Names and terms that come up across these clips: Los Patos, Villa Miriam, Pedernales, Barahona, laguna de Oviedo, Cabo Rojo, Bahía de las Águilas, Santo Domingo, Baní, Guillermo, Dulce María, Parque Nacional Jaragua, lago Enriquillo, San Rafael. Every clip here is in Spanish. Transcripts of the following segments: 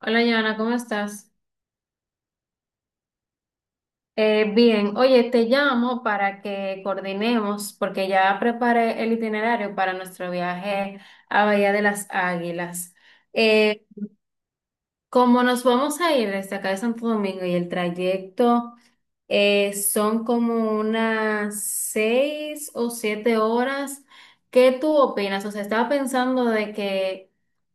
Hola, Joana, ¿cómo estás? Bien, oye, te llamo para que coordinemos porque ya preparé el itinerario para nuestro viaje a Bahía de las Águilas. Eh, como nos vamos a ir desde acá de Santo Domingo y el trayecto son como unas 6 o 7 horas, ¿qué tú opinas? O sea, estaba pensando de que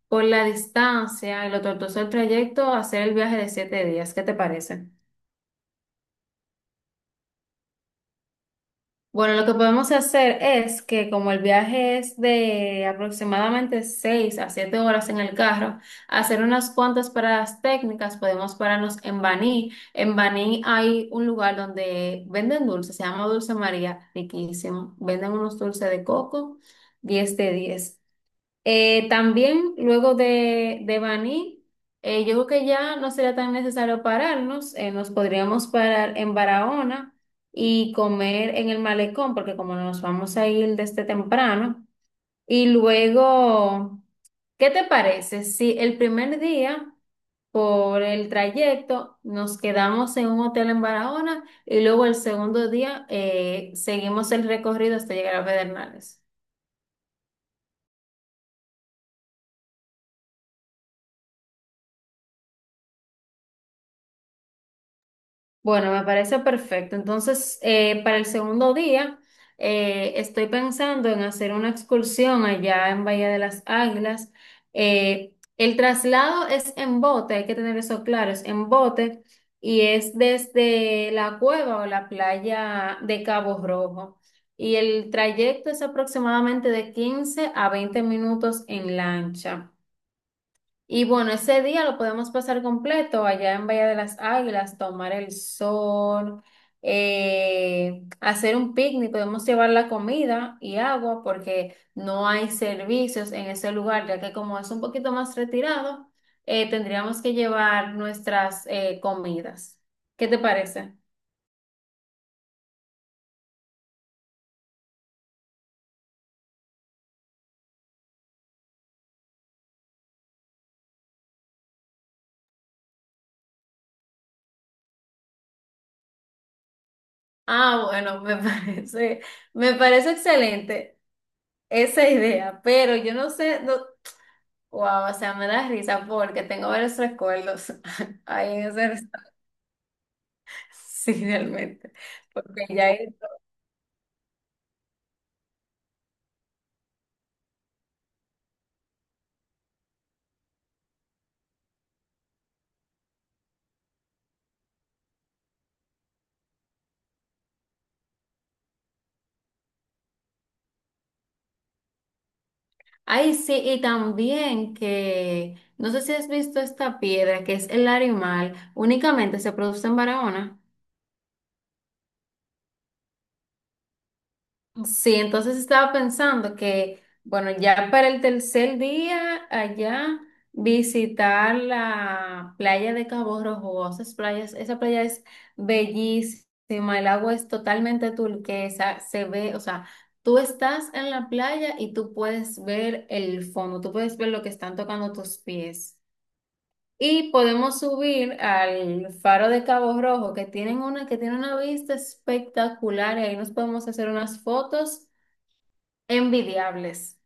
por la distancia y lo tortuoso del trayecto, hacer el viaje de 7 días, ¿qué te parece? Bueno, lo que podemos hacer es que como el viaje es de aproximadamente 6 a 7 horas en el carro, hacer unas cuantas paradas técnicas, podemos pararnos en Baní. En Baní hay un lugar donde venden dulces, se llama Dulce María, riquísimo. Venden unos dulces de coco. 10 de 10. También luego de Baní, yo creo que ya no sería tan necesario pararnos, nos podríamos parar en Barahona y comer en el malecón, porque como nos vamos a ir desde temprano, y luego, ¿qué te parece si el primer día por el trayecto nos quedamos en un hotel en Barahona y luego el segundo día seguimos el recorrido hasta llegar a Pedernales? Bueno, me parece perfecto. Entonces, para el segundo día, estoy pensando en hacer una excursión allá en Bahía de las Águilas. El traslado es en bote, hay que tener eso claro, es en bote y es desde la cueva o la playa de Cabo Rojo. Y el trayecto es aproximadamente de 15 a 20 minutos en lancha. Y bueno, ese día lo podemos pasar completo allá en Bahía de las Águilas, tomar el sol, hacer un picnic, podemos llevar la comida y agua porque no hay servicios en ese lugar, ya que como es un poquito más retirado, tendríamos que llevar nuestras comidas. ¿Qué te parece? Ah, bueno, me parece, me parece excelente esa idea, pero yo no sé. Wow, o sea, me da risa porque tengo varios recuerdos ahí en ese restaurante. Sí, realmente. Porque ya ahí- Ay, sí, y también que no sé si has visto esta piedra que es el animal, únicamente se produce en Barahona. Sí, entonces estaba pensando que, bueno, ya para el tercer día allá visitar la playa de Cabo Rojo, esas playas, esa playa es bellísima, el agua es totalmente turquesa, se ve, o sea, tú estás en la playa y tú puedes ver el fondo, tú puedes ver lo que están tocando tus pies. Y podemos subir al faro de Cabo Rojo, que tiene una vista espectacular, y ahí nos podemos hacer unas fotos envidiables.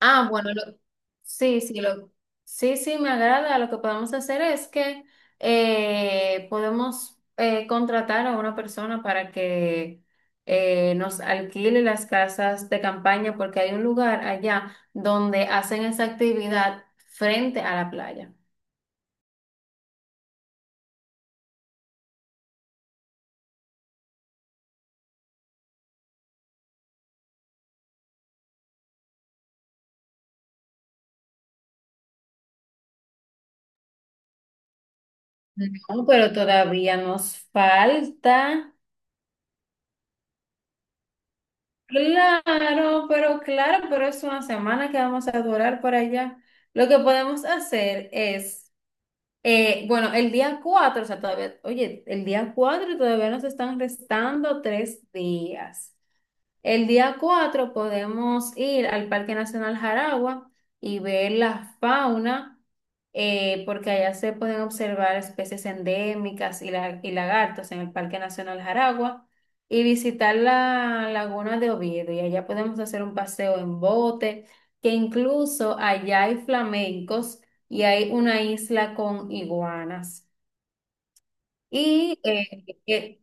Ah, bueno, sí, sí, sí, sí, me agrada. Lo que podemos hacer es que podemos contratar a una persona para que nos alquile las casas de campaña, porque hay un lugar allá donde hacen esa actividad frente a la playa. No, pero todavía nos falta. Claro, pero es una semana que vamos a durar por allá. Lo que podemos hacer es. Bueno, el día 4, o sea, todavía, oye, el día 4 todavía nos están restando 3 días. El día 4 podemos ir al Parque Nacional Jaragua y ver la fauna, porque allá se pueden observar especies endémicas y lagartos en el Parque Nacional Jaragua y visitar la laguna de Oviedo. Y allá podemos hacer un paseo en bote, que incluso allá hay flamencos y hay una isla con iguanas. Y eh, eh,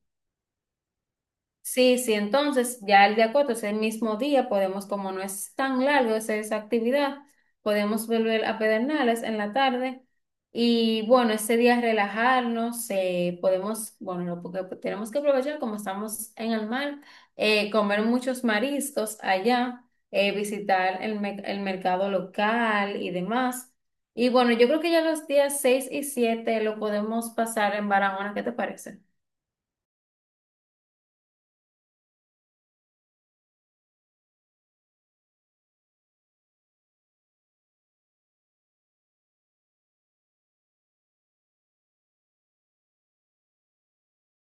Sí, sí, entonces ya el día 4 es el mismo día, podemos, como no es tan largo esa actividad, podemos volver a Pedernales en la tarde y bueno, ese día relajarnos, podemos, bueno, porque tenemos que aprovechar como estamos en el mar, comer muchos mariscos allá, visitar el mercado local y demás. Y bueno, yo creo que ya los días 6 y 7 lo podemos pasar en Barahona, ¿qué te parece?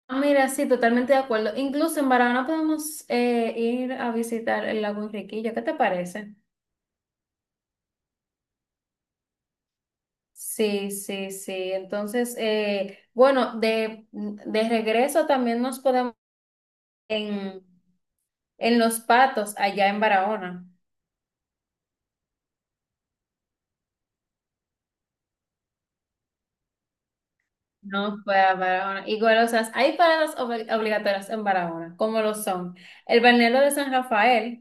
Ah, mira, sí, totalmente de acuerdo. Incluso en Barahona podemos ir a visitar el lago Enriquillo. ¿Qué te parece? Sí, sí, sí. Entonces, bueno, de regreso también nos podemos en, Los Patos, allá en Barahona. No fue a Barahona. Igual, o sea, hay paradas obligatorias en Barahona, como lo son el balneario de San Rafael.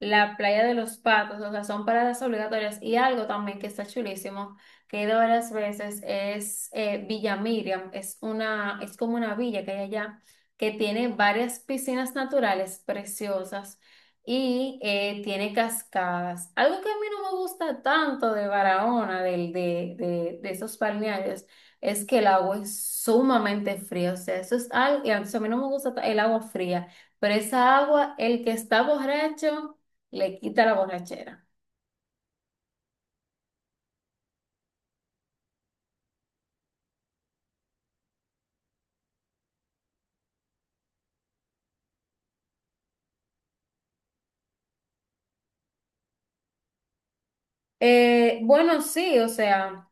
La playa de Los Patos, o sea, son paradas obligatorias. Y algo también que está chulísimo, que he ido varias veces, es Villa Miriam, es una, es como una villa que hay allá, que tiene varias piscinas naturales preciosas y tiene cascadas. Algo que a mí no me gusta tanto de Barahona, de esos balnearios, es que el agua es sumamente fría, o sea, eso es algo, y a mí no me gusta el agua fría, pero esa agua, el que está borracho, le quita la borrachera. Bueno, sí, o sea,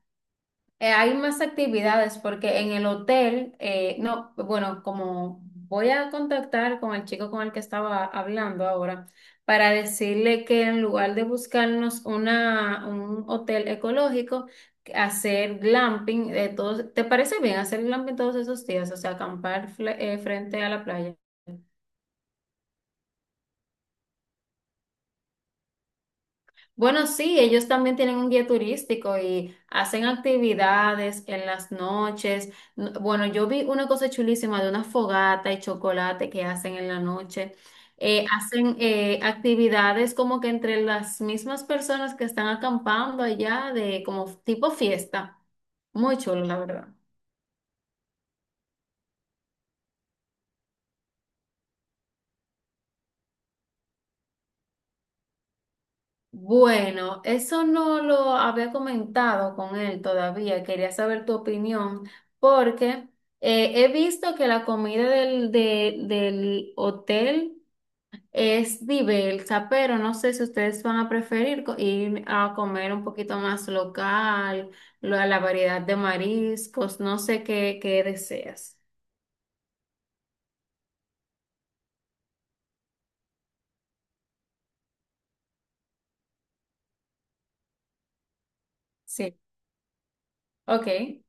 hay más actividades porque en el hotel, no, bueno, como voy a contactar con el chico con el que estaba hablando ahora para decirle que en lugar de buscarnos un hotel ecológico, que hacer glamping de todos, ¿te parece bien hacer glamping todos esos días? O sea, acampar frente a la playa. Bueno, sí, ellos también tienen un guía turístico y hacen actividades en las noches. Bueno, yo vi una cosa chulísima de una fogata y chocolate que hacen en la noche. Hacen actividades como que entre las mismas personas que están acampando allá, de como tipo fiesta. Muy chulo, la verdad. Bueno, eso no lo había comentado con él todavía. Quería saber tu opinión porque he visto que la comida del hotel es diversa, pero no sé si ustedes van a preferir ir a comer un poquito más local, la variedad de mariscos, no sé qué, qué deseas. Sí, ok.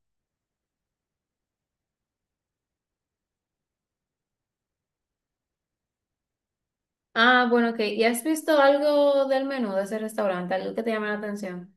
Ah, bueno, ok. ¿Y has visto algo del menú de ese restaurante, algo que te llama la atención?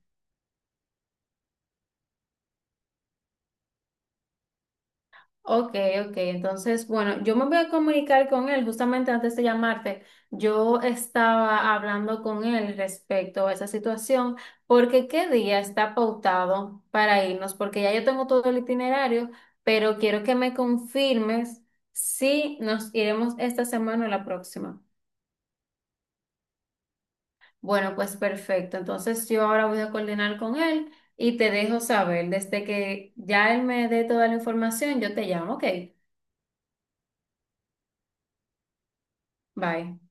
Ok, ok. Entonces, bueno, yo me voy a comunicar con él justamente antes de llamarte. Yo estaba hablando con él respecto a esa situación, porque qué día está pautado para irnos, porque ya yo tengo todo el itinerario, pero quiero que me confirmes si nos iremos esta semana o la próxima. Bueno, pues perfecto. Entonces yo ahora voy a coordinar con él y te dejo saber. Desde que ya él me dé toda la información, yo te llamo. Ok, bye.